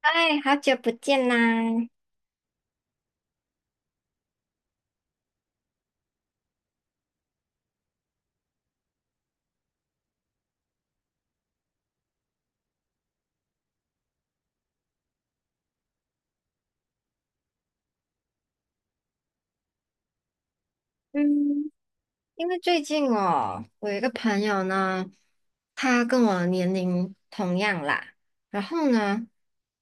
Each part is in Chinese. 嗨，好久不见啦！嗯，因为最近哦，我有一个朋友呢，他跟我年龄同样啦，然后呢，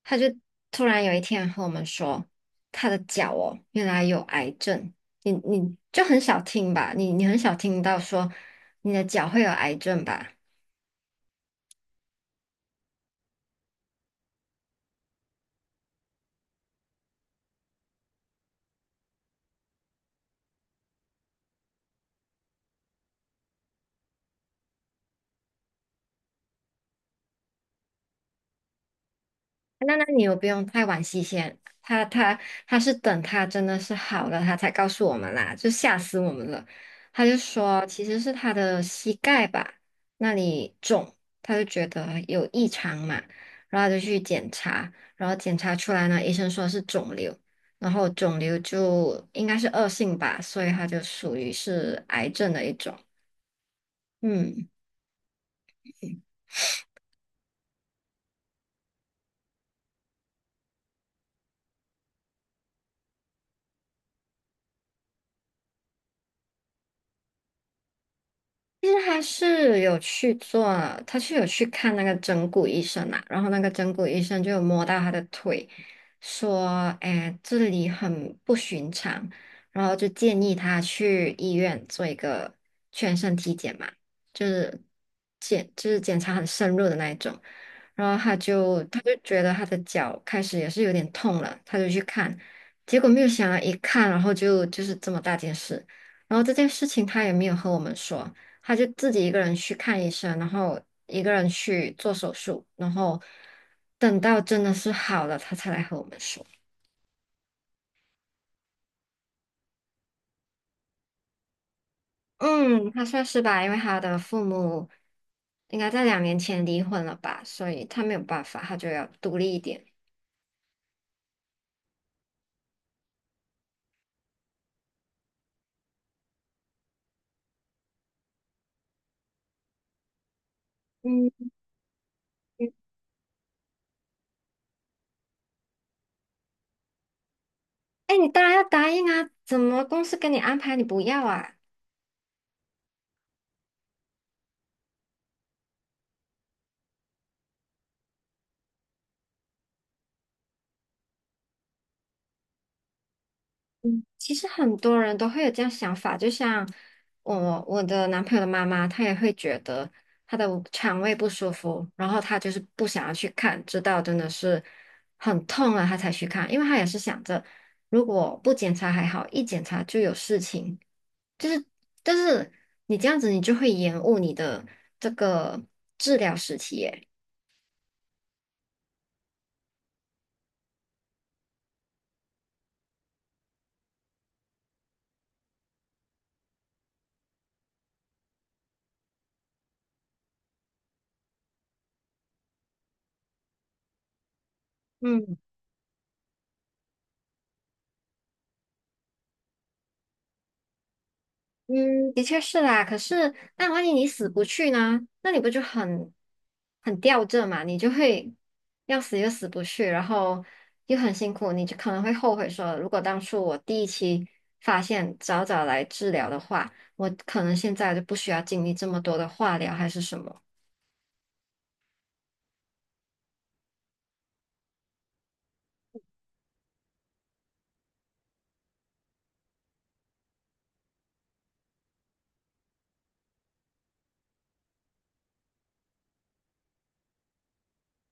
他就突然有一天和我们说，他的脚哦，原来有癌症。你就很少听吧，你很少听到说你的脚会有癌症吧？那你又不用太惋惜先，他他是等他真的是好了，他才告诉我们啦，就吓死我们了。他就说其实是他的膝盖吧那里肿，他就觉得有异常嘛，然后他就去检查，然后检查出来呢，医生说是肿瘤，然后肿瘤就应该是恶性吧，所以他就属于是癌症的一种。嗯。其实他是有去做，他是有去看那个整骨医生嘛，然后那个整骨医生就有摸到他的腿，说，哎，这里很不寻常，然后就建议他去医院做一个全身体检嘛，就是检查很深入的那一种，然后他就觉得他的脚开始也是有点痛了，他就去看，结果没有想到一看，然后就是这么大件事，然后这件事情他也没有和我们说。他就自己一个人去看医生，然后一个人去做手术，然后等到真的是好了，他才来和我们说。嗯，他算是吧，因为他的父母应该在两年前离婚了吧，所以他没有办法，他就要独立一点。嗯，哎，你当然要答应啊，怎么公司给你安排你不要啊？嗯，其实很多人都会有这样想法，就像我的男朋友的妈妈，她也会觉得她的肠胃不舒服，然后她就是不想要去看，直到真的是很痛了，她才去看，因为她也是想着如果不检查还好，一检查就有事情，就是，但是你这样子你就会延误你的这个治疗时期耶。嗯，的确是啦。可是，那万一你死不去呢？那你不就很很吊着嘛？你就会要死又死不去，然后又很辛苦，你就可能会后悔说，如果当初我第一期发现早早来治疗的话，我可能现在就不需要经历这么多的化疗还是什么。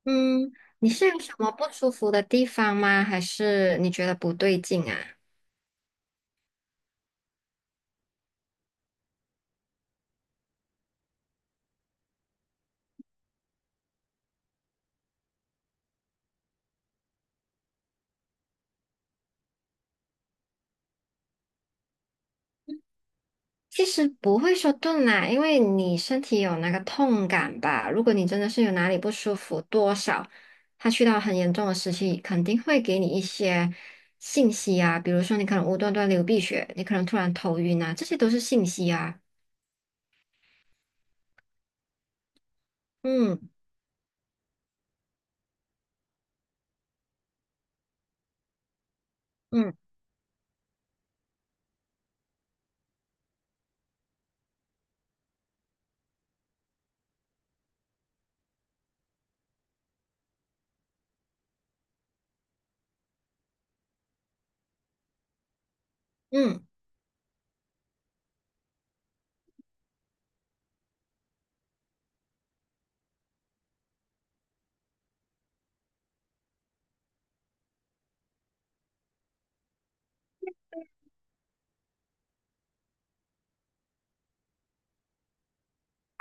嗯，你是有什么不舒服的地方吗？还是你觉得不对劲啊？其实不会说顿啦，因为你身体有那个痛感吧。如果你真的是有哪里不舒服，多少它去到很严重的时期，肯定会给你一些信息啊，比如说你可能无端端流鼻血，你可能突然头晕啊，这些都是信息啊。嗯嗯嗯。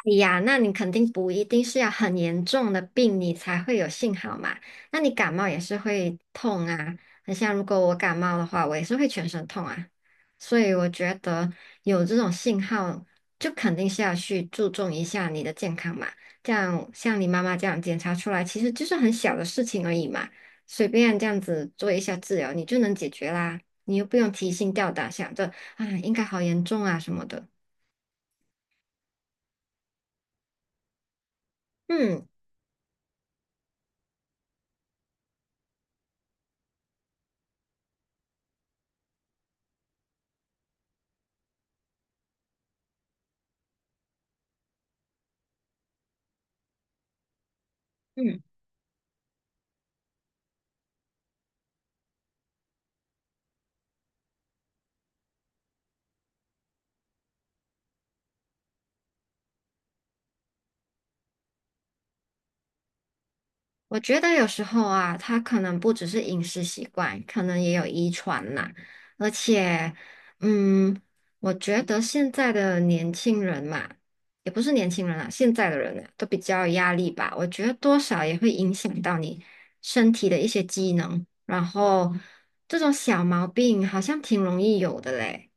哎呀，那你肯定不一定是要很严重的病，你才会有信号嘛。那你感冒也是会痛啊，很像如果我感冒的话，我也是会全身痛啊。所以我觉得有这种信号，就肯定是要去注重一下你的健康嘛。这样像你妈妈这样检查出来，其实就是很小的事情而已嘛，随便这样子做一下治疗，你就能解决啦。你又不用提心吊胆想着啊，应该好严重啊什么的。嗯嗯。我觉得有时候啊，它可能不只是饮食习惯，可能也有遗传啦。而且，嗯，我觉得现在的年轻人嘛，也不是年轻人啦，现在的人啊，都比较有压力吧。我觉得多少也会影响到你身体的一些机能，然后这种小毛病好像挺容易有的嘞。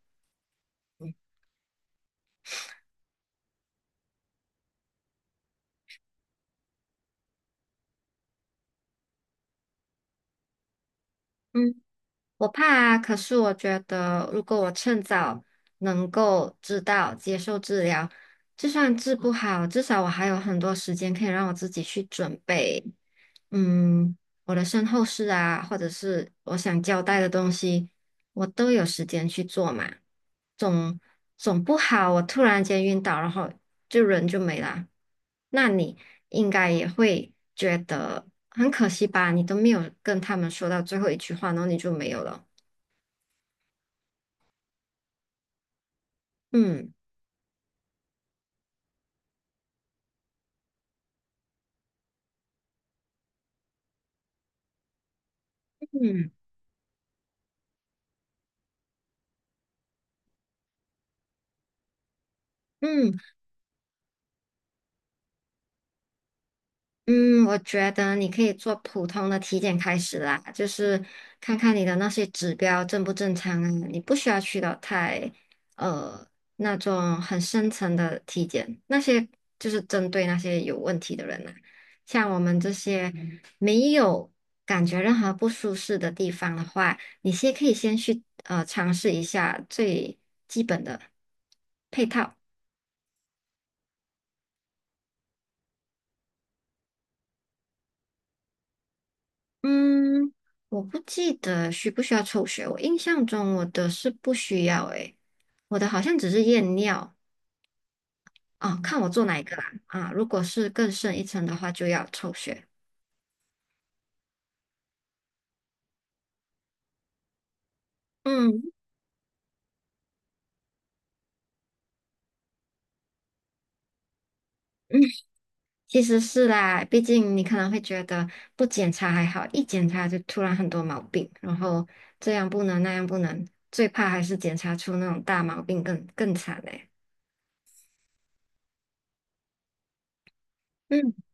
嗯。我怕啊，可是我觉得，如果我趁早能够知道接受治疗，就算治不好，至少我还有很多时间可以让我自己去准备，嗯，我的身后事啊，或者是我想交代的东西，我都有时间去做嘛。总总不好，我突然间晕倒，然后就人就没啦。那你应该也会觉得很可惜吧？你都没有跟他们说到最后一句话，然后你就没有了。嗯嗯嗯。嗯，我觉得你可以做普通的体检开始啦，就是看看你的那些指标正不正常啊，你不需要去到太呃那种很深层的体检，那些就是针对那些有问题的人啦、像我们这些没有感觉任何不舒适的地方的话，你可以先去尝试一下最基本的配套。嗯，我不记得需不需要抽血，我印象中我的是不需要诶，我的好像只是验尿哦，看我做哪一个啦啊，如果是更深一层的话就要抽血。嗯嗯，其实是啦，毕竟你可能会觉得不检查还好，一检查就突然很多毛病，然后这样不能那样不能，最怕还是检查出那种大毛病更惨嘞。嗯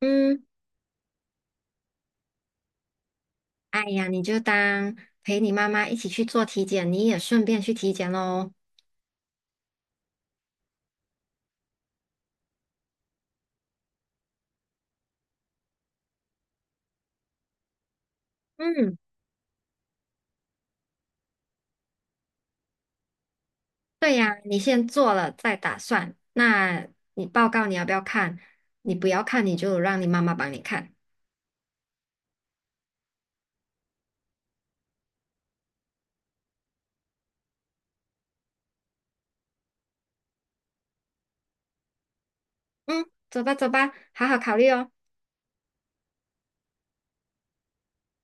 嗯。哎呀，你就当陪你妈妈一起去做体检，你也顺便去体检喽。嗯，对呀，你先做了再打算。那你报告你要不要看？你不要看，你就让你妈妈帮你看。嗯，走吧走吧，好好考虑哦。